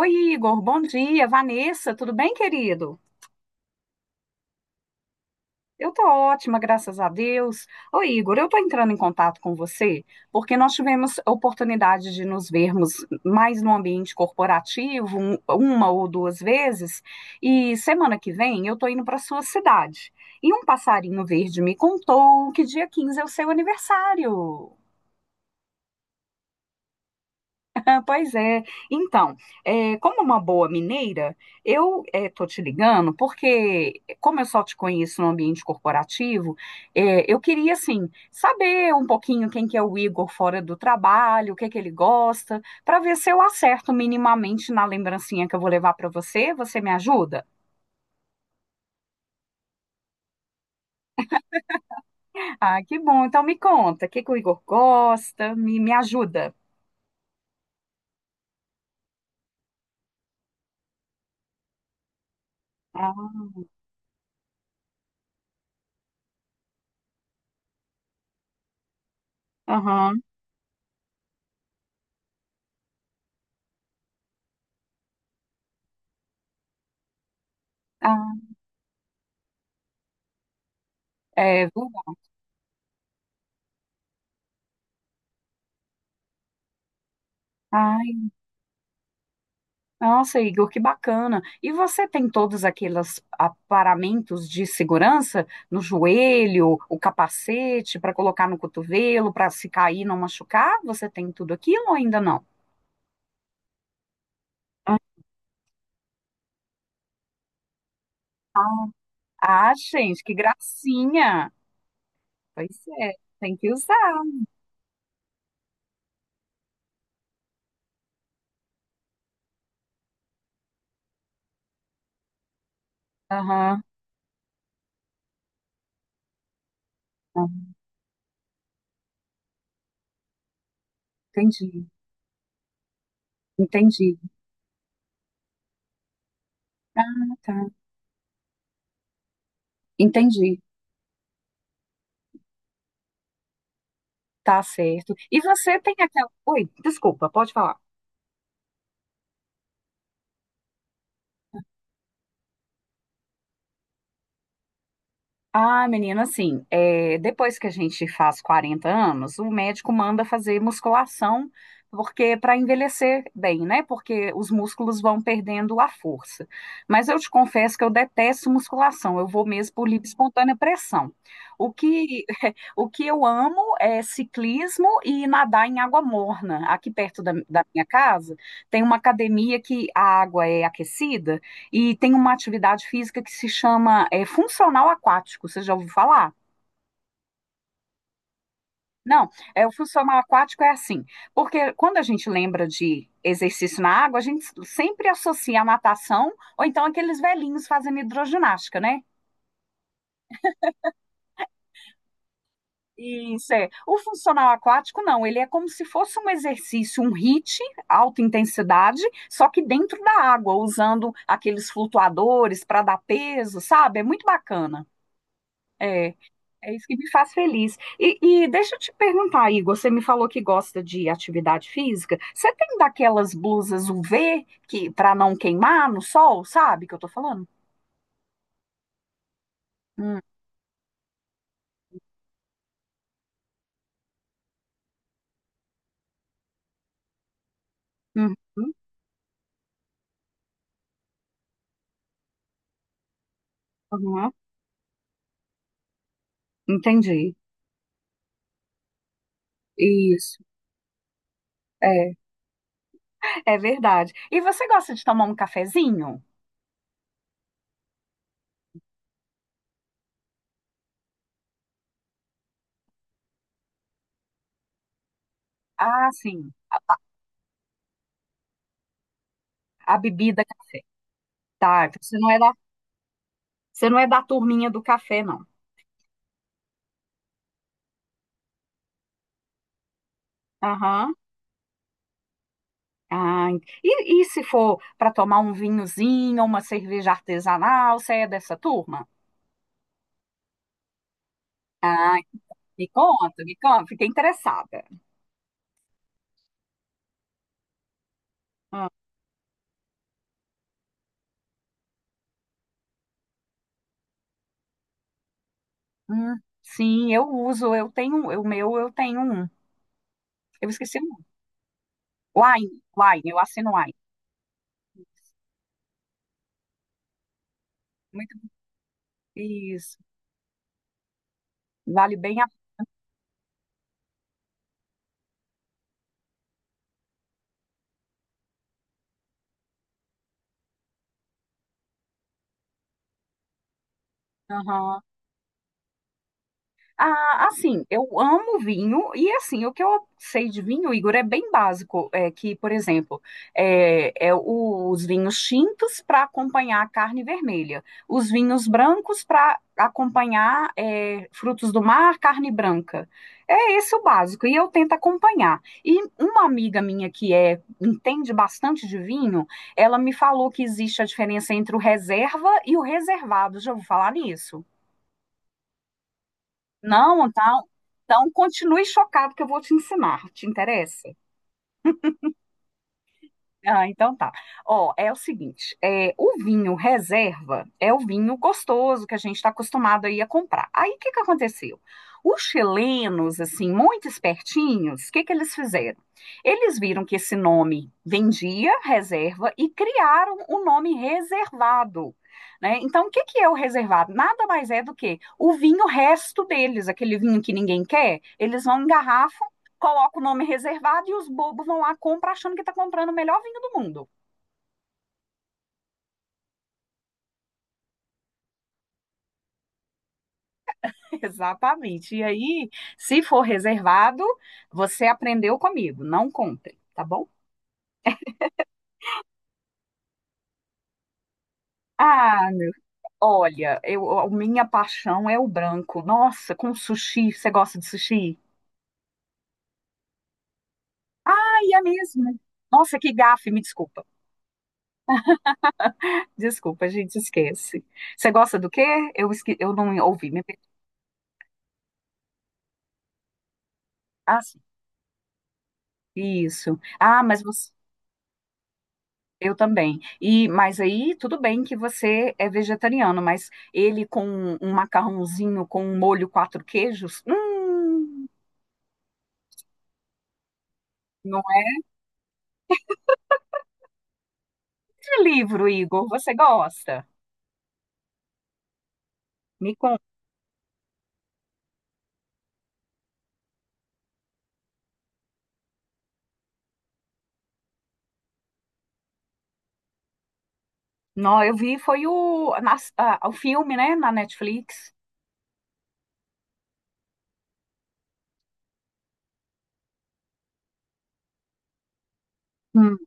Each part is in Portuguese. Oi, Igor, bom dia. Vanessa, tudo bem, querido? Eu tô ótima, graças a Deus. Oi, Igor, eu tô entrando em contato com você porque nós tivemos a oportunidade de nos vermos mais no ambiente corporativo, uma ou duas vezes, e semana que vem eu tô indo para sua cidade. E um passarinho verde me contou que dia 15 é o seu aniversário. Pois é. Então, como é uma boa mineira, eu estou te ligando porque, como eu só te conheço no ambiente corporativo, eu queria, assim, saber um pouquinho quem que é o Igor fora do trabalho, o que é que ele gosta, para ver se eu acerto minimamente na lembrancinha que eu vou levar para você. Você me ajuda? Ah, que bom. Então, me conta, o que que o Igor gosta? Me ajuda. Ah, aham. Ah, é, verdade. Nossa, Igor, que bacana. E você tem todos aqueles aparamentos de segurança no joelho, o capacete para colocar no cotovelo, para se cair não machucar? Você tem tudo aquilo ou ainda não? Ah, gente, que gracinha. Pois é, tem que usar. Aham, ah, entendi, entendi. Ah, tá, entendi. Tá certo. E você tem aquela. Oi, desculpa, pode falar. Ah, menina, assim, é, depois que a gente faz 40 anos, o médico manda fazer musculação, porque para envelhecer bem, né? Porque os músculos vão perdendo a força. Mas eu te confesso que eu detesto musculação, eu vou mesmo por livre e espontânea pressão. O que, o que eu amo é ciclismo e nadar em água morna. Aqui perto da minha casa tem uma academia que a água é aquecida. E tem uma atividade física que se chama funcional aquático. Você já ouviu falar? Não, o funcional aquático é assim, porque quando a gente lembra de exercício na água, a gente sempre associa a natação ou então aqueles velhinhos fazendo hidroginástica, né? Isso é. O funcional aquático, não, ele é como se fosse um exercício, um HIIT, alta intensidade, só que dentro da água, usando aqueles flutuadores para dar peso, sabe? É muito bacana. É. É isso que me faz feliz. E deixa eu te perguntar, Igor, você me falou que gosta de atividade física. Você tem daquelas blusas UV que para não queimar no sol, sabe que eu tô falando? Hum, uhum, uhum, entendi. Isso. É, é verdade. E você gosta de tomar um cafezinho? Ah, sim. A bebida que tá. Então você não é da, você não é da turminha do café, não. Aham. Ah, e se for para tomar um vinhozinho, uma cerveja artesanal, você é dessa turma? Ah, me conta, fiquei interessada. Ah, hum, sim, eu uso, eu tenho, o meu eu tenho um. Eu esqueci o nome. Wine, Wine, eu assino Wine. Muito isso, vale bem a pena. Ah, assim, eu amo vinho e assim, o que eu sei de vinho, Igor, é bem básico, é que, por exemplo, é os vinhos tintos para acompanhar a carne vermelha, os vinhos brancos para acompanhar frutos do mar, carne branca. É esse o básico e eu tento acompanhar. E uma amiga minha que é entende bastante de vinho, ela me falou que existe a diferença entre o reserva e o reservado. Já vou falar nisso. Não, então, então continue chocado que eu vou te ensinar. Te interessa? Ah, então tá. Ó, é o seguinte, o vinho reserva é o vinho gostoso que a gente está acostumado aí a comprar. Aí o que que aconteceu? Os chilenos, assim, muito espertinhos, o que que eles fizeram? Eles viram que esse nome vendia reserva e criaram o nome reservado, né? Então, o que que é o reservado? Nada mais é do que o vinho resto deles, aquele vinho que ninguém quer, eles vão engarrafar coloca o nome reservado e os bobos vão lá compra achando que está comprando o melhor vinho do mundo. Exatamente. E aí, se for reservado, você aprendeu comigo, não compre, tá bom? Ah, olha, eu, a minha paixão é o branco. Nossa, com sushi, você gosta de sushi? Aí é mesmo. Nossa, que gafe, me desculpa. Desculpa, a gente esquece. Você gosta do quê? Eu não ouvi. Ah, sim. Isso. Ah, mas você. Eu também. E mas aí tudo bem que você é vegetariano, mas ele com um macarrãozinho com um molho quatro queijos, não é de livro, Igor. Você gosta? Me conta. Não, eu vi foi o filme, né, na Netflix. Hum,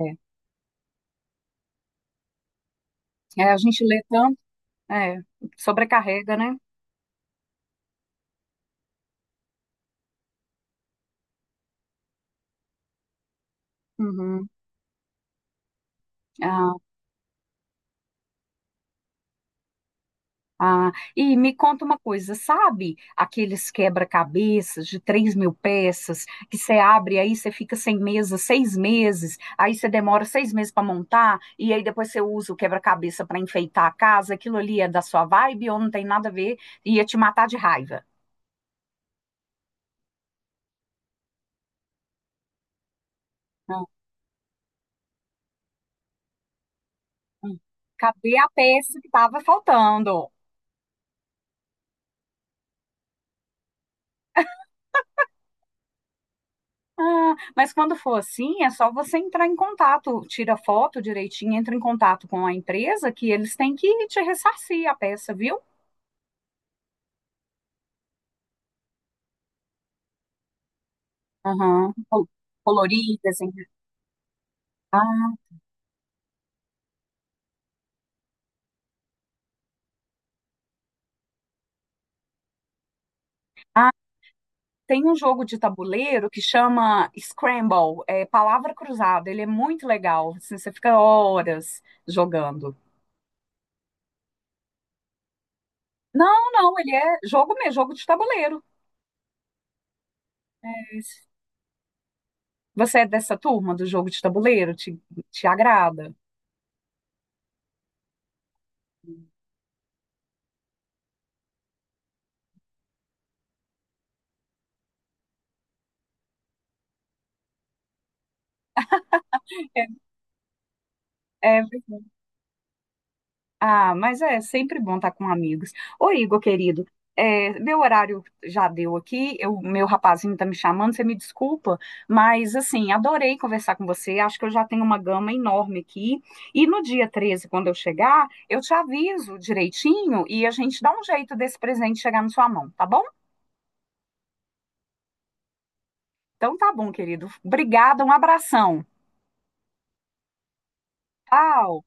é. É, a gente lê tanto, é, sobrecarrega, né? Uhum. Ah, e me conta uma coisa, sabe aqueles quebra-cabeças de 3.000 peças que você abre aí você fica sem mesa 6 meses, aí você demora 6 meses para montar e aí depois você usa o quebra-cabeça para enfeitar a casa, aquilo ali é da sua vibe ou não tem nada a ver, ia te matar de raiva. Ah, ah. Cadê a peça que estava faltando? Ah, mas quando for assim, é só você entrar em contato, tira foto direitinho, entra em contato com a empresa que eles têm que te ressarcir a peça, viu? Aham. Coloridas, hein? Ah, ah, tem um jogo de tabuleiro que chama Scramble, é palavra cruzada. Ele é muito legal. Assim, você fica horas jogando. Não, não, ele é jogo mesmo, jogo de tabuleiro. Você é dessa turma do jogo de tabuleiro? Te agrada? É, é. Ah, mas é sempre bom estar com amigos. Ô, Igor, querido, meu horário já deu aqui, meu rapazinho tá me chamando, você me desculpa, mas assim, adorei conversar com você, acho que eu já tenho uma gama enorme aqui. E no dia 13, quando eu chegar, eu te aviso direitinho e a gente dá um jeito desse presente chegar na sua mão, tá bom? Então tá bom, querido. Obrigada, um abração. Tchau.